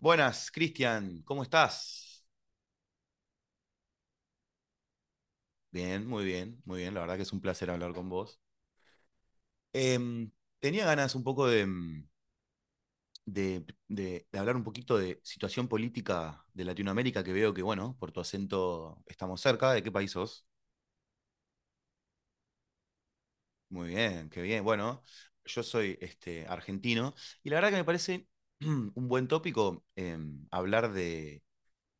Buenas, Cristian, ¿cómo estás? Bien, muy bien, muy bien. La verdad que es un placer hablar con vos. Em, tenía ganas un poco de hablar un poquito de situación política de Latinoamérica, que veo que, bueno, por tu acento estamos cerca. ¿De qué país sos? Muy bien, qué bien. Bueno, yo soy argentino y la verdad que me parece un buen tópico hablar de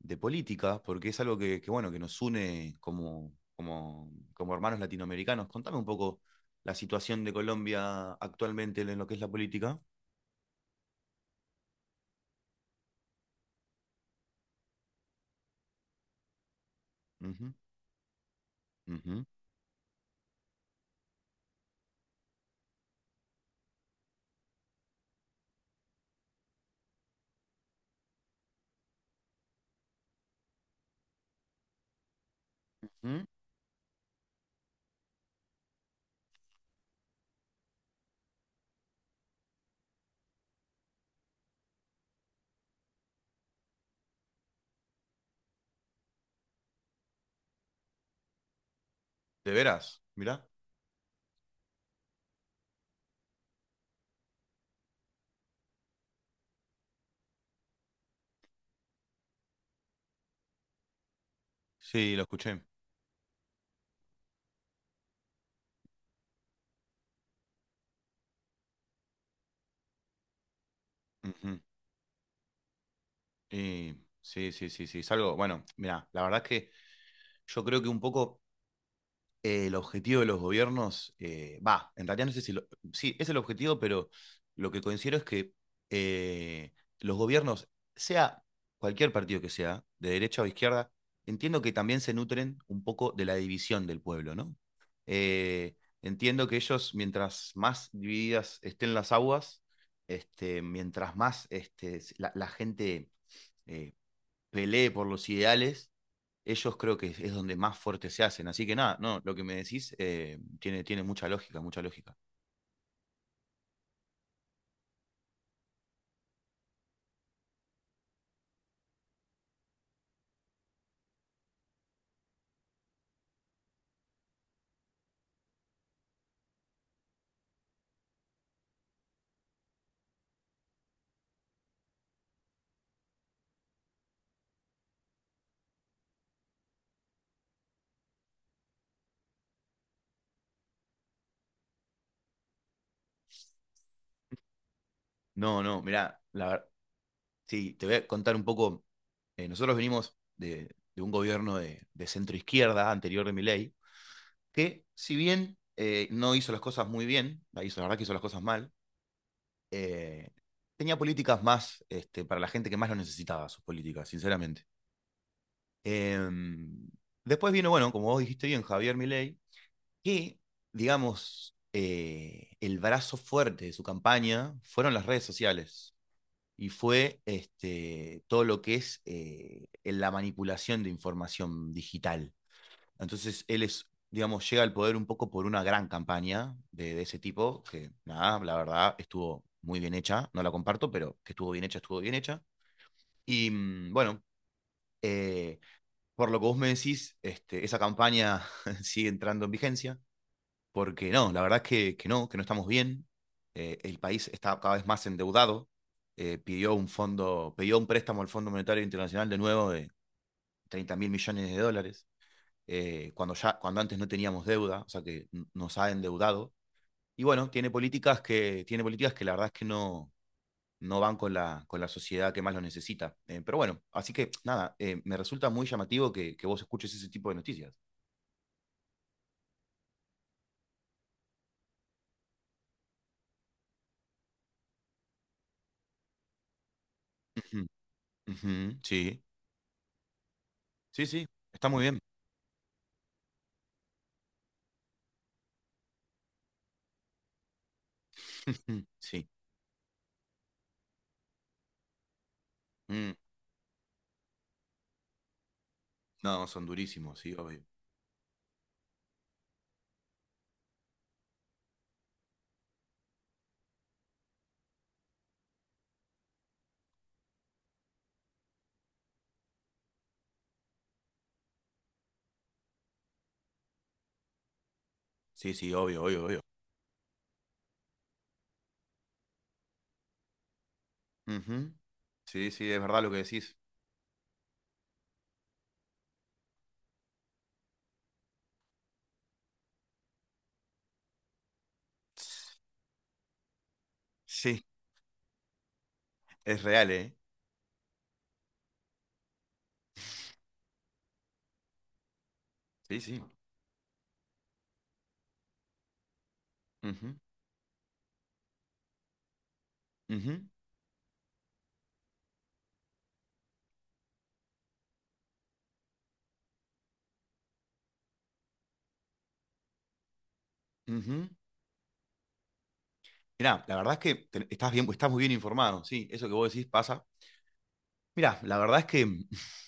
de política, porque es algo que, bueno, que nos une como hermanos latinoamericanos. Contame un poco la situación de Colombia actualmente en lo que es la política. Ujú, ujú, ujú. ¿De veras? Mirá. Sí, lo escuché. Ujú. Y sí, sí, sí, sí. Es algo, bueno, mira la verdad es que yo creo que un poco el objetivo de los gobiernos, va, en realidad no sé si, sí, es el objetivo, pero lo que considero es que eh, los gobiernos, sea cualquier partido que sea, de derecha o izquierda, entiendo que también se nutren un poco de la división del pueblo, ¿no? Eh, entiendo que ellos, mientras más divididas estén las aguas, mientras más la gente eh, pelee por los ideales, ellos creo que es donde más fuertes se hacen. Así que nada, no, lo que me decís tiene mucha lógica, mucha lógica. No, no, mirá, la verdad, sí, te voy a contar un poco. Nosotros venimos de un gobierno de centro izquierda anterior de Milei, que si bien no hizo las cosas muy bien, la hizo, la verdad que hizo las cosas mal, eh, tenía políticas más para la gente que más lo necesitaba, sus políticas, sinceramente. Em, Después vino, bueno, como vos dijiste bien, Javier Milei, que, digamos, el brazo fuerte de su campaña fueron las redes sociales y fue todo lo que es la manipulación de información digital. Entonces, él es, digamos, llega al poder un poco por una gran campaña de ese tipo, que nada, la verdad, estuvo muy bien hecha, no la comparto, pero que estuvo bien hecha, estuvo bien hecha. Y bueno, eh, por lo que vos me decís, esa campaña sigue entrando en vigencia porque no, la verdad es que no estamos bien. El país está cada vez más endeudado. Pidió un fondo, pidió un préstamo al Fondo Monetario Internacional de nuevo de 30.000 millones de dólares, cuando, ya, cuando antes no teníamos deuda, o sea que nos ha endeudado. Y bueno, tiene políticas que la verdad es que no, no van con la sociedad que más lo necesita. Pero bueno, así que nada, me resulta muy llamativo que vos escuches ese tipo de noticias. Ujú, ujú, sí, sí, sí, está muy bien. Sí. Mm, no, son durísimos, sí, obvio. Sí, sí, obvio, obvio, obvio. Ujú. Sí, sí, es verdad lo que decís. Sí, es real, ¿eh? Sí, sí. Ujú, ujú, ujú. Mirá, la verdad es que estás bien, estás muy bien informado, sí, eso que vos decís pasa. Mirá, la verdad es que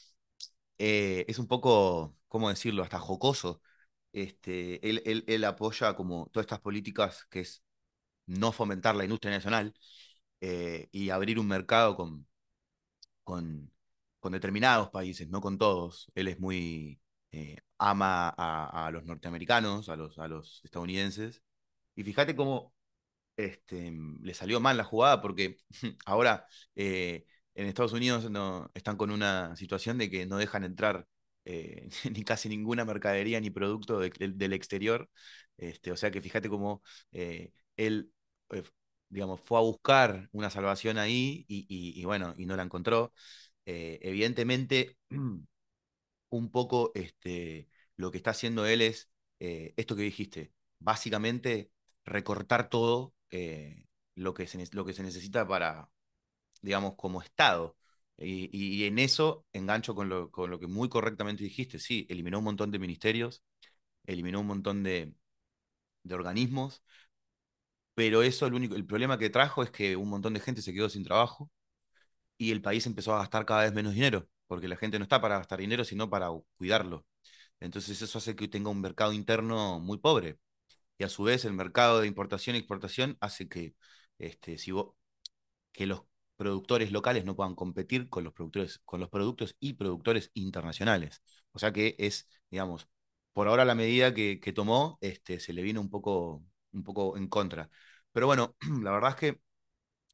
es un poco, ¿cómo decirlo?, hasta jocoso. Él apoya como todas estas políticas que es no fomentar la industria nacional y abrir un mercado con, con determinados países, no con todos. Él es muy, ama a los norteamericanos, a los estadounidenses. Y fíjate cómo le salió mal la jugada porque ahora eh, en Estados Unidos no, están con una situación de que no dejan entrar ni casi ninguna mercadería ni producto del exterior. O sea que fíjate cómo eh, él, eh, digamos, fue a buscar una salvación ahí y bueno, y no la encontró. Evidentemente, un poco lo que está haciendo él es esto que dijiste, básicamente recortar todo lo que se necesita para, digamos, como Estado. Y en eso engancho con lo que muy correctamente dijiste, sí, eliminó un montón de ministerios, eliminó un montón de organismos, pero eso el problema que trajo es que un montón de gente se quedó sin trabajo y el país empezó a gastar cada vez menos dinero, porque la gente no está para gastar dinero, sino para cuidarlo. Entonces eso hace que tenga un mercado interno muy pobre. Y a su vez el mercado de importación y exportación hace que, este, si vos- que los productores locales no puedan competir con los productores, con los productos y productores internacionales. O sea que es, digamos, por ahora la medida que tomó, se le vino un poco en contra. Pero bueno, la verdad es que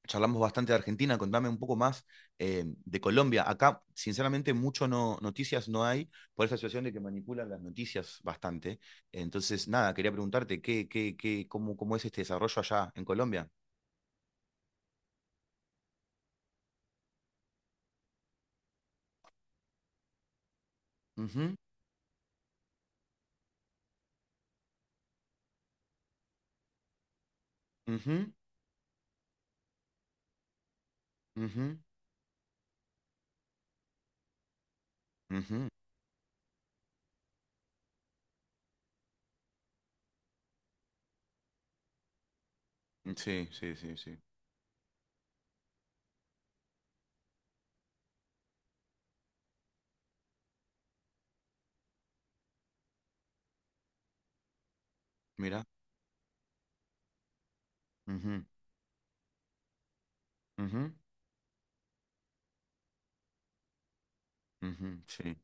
charlamos bastante de Argentina, contame un poco más de Colombia. Acá, sinceramente, mucho no, noticias no hay por esa situación de que manipulan las noticias bastante. Entonces, nada, quería preguntarte qué, cómo es este desarrollo allá en Colombia. Ujú, ujú, ujú, ujú. Sí, sí, sí, sí. Mira. Ujú, ujú, ujú, sí.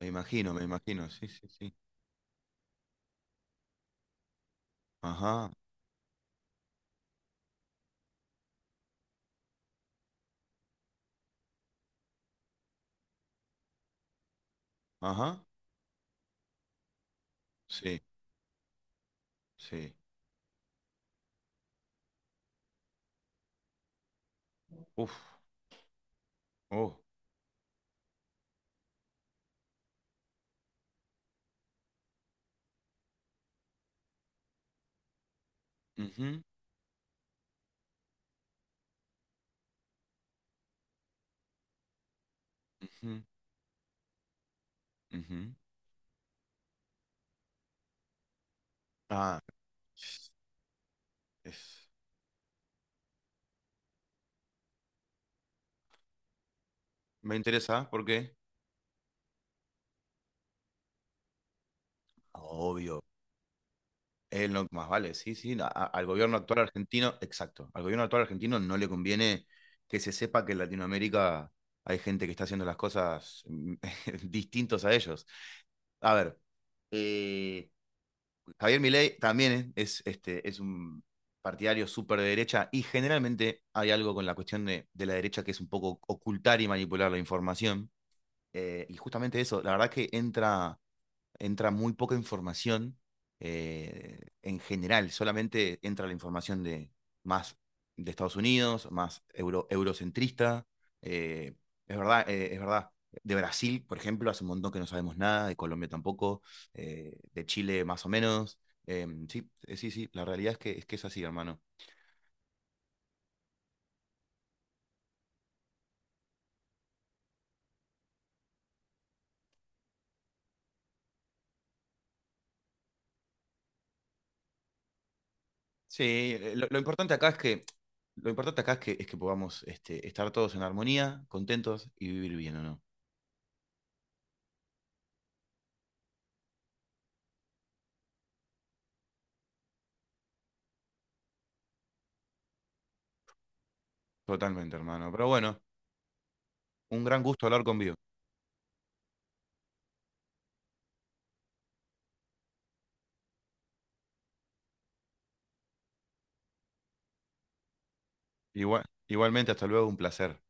Me imagino, me imagino. Sí, sí, sí. Ajá, ajá. Sí, sí. Uf, oh. Ujú, ujú, ujú. Ah. Es- Me interesa, ¿por qué? Obvio. Es lo que más vale, sí, sí. Al gobierno actual argentino, exacto. Al gobierno actual argentino no le conviene que se sepa que en Latinoamérica hay gente que está haciendo las cosas distintos a ellos. A ver, eh, Javier Milei también es un partidario súper de derecha y generalmente hay algo con la cuestión de la derecha que es un poco ocultar y manipular la información. Y justamente eso, la verdad que entra muy poca información en general, solamente entra la información de más de Estados Unidos, más euro, eurocentrista. eh, es verdad, es verdad. De Brasil, por ejemplo, hace un montón que no sabemos nada, de Colombia tampoco, de Chile más o menos. Sí, sí, sí, la realidad es que es así, hermano. Sí, lo importante acá es que lo importante acá es que podamos estar todos en armonía, contentos y vivir bien, ¿o no? Totalmente, hermano. Pero bueno, un gran gusto hablar con Vivo. Igual, igualmente, hasta luego, un placer.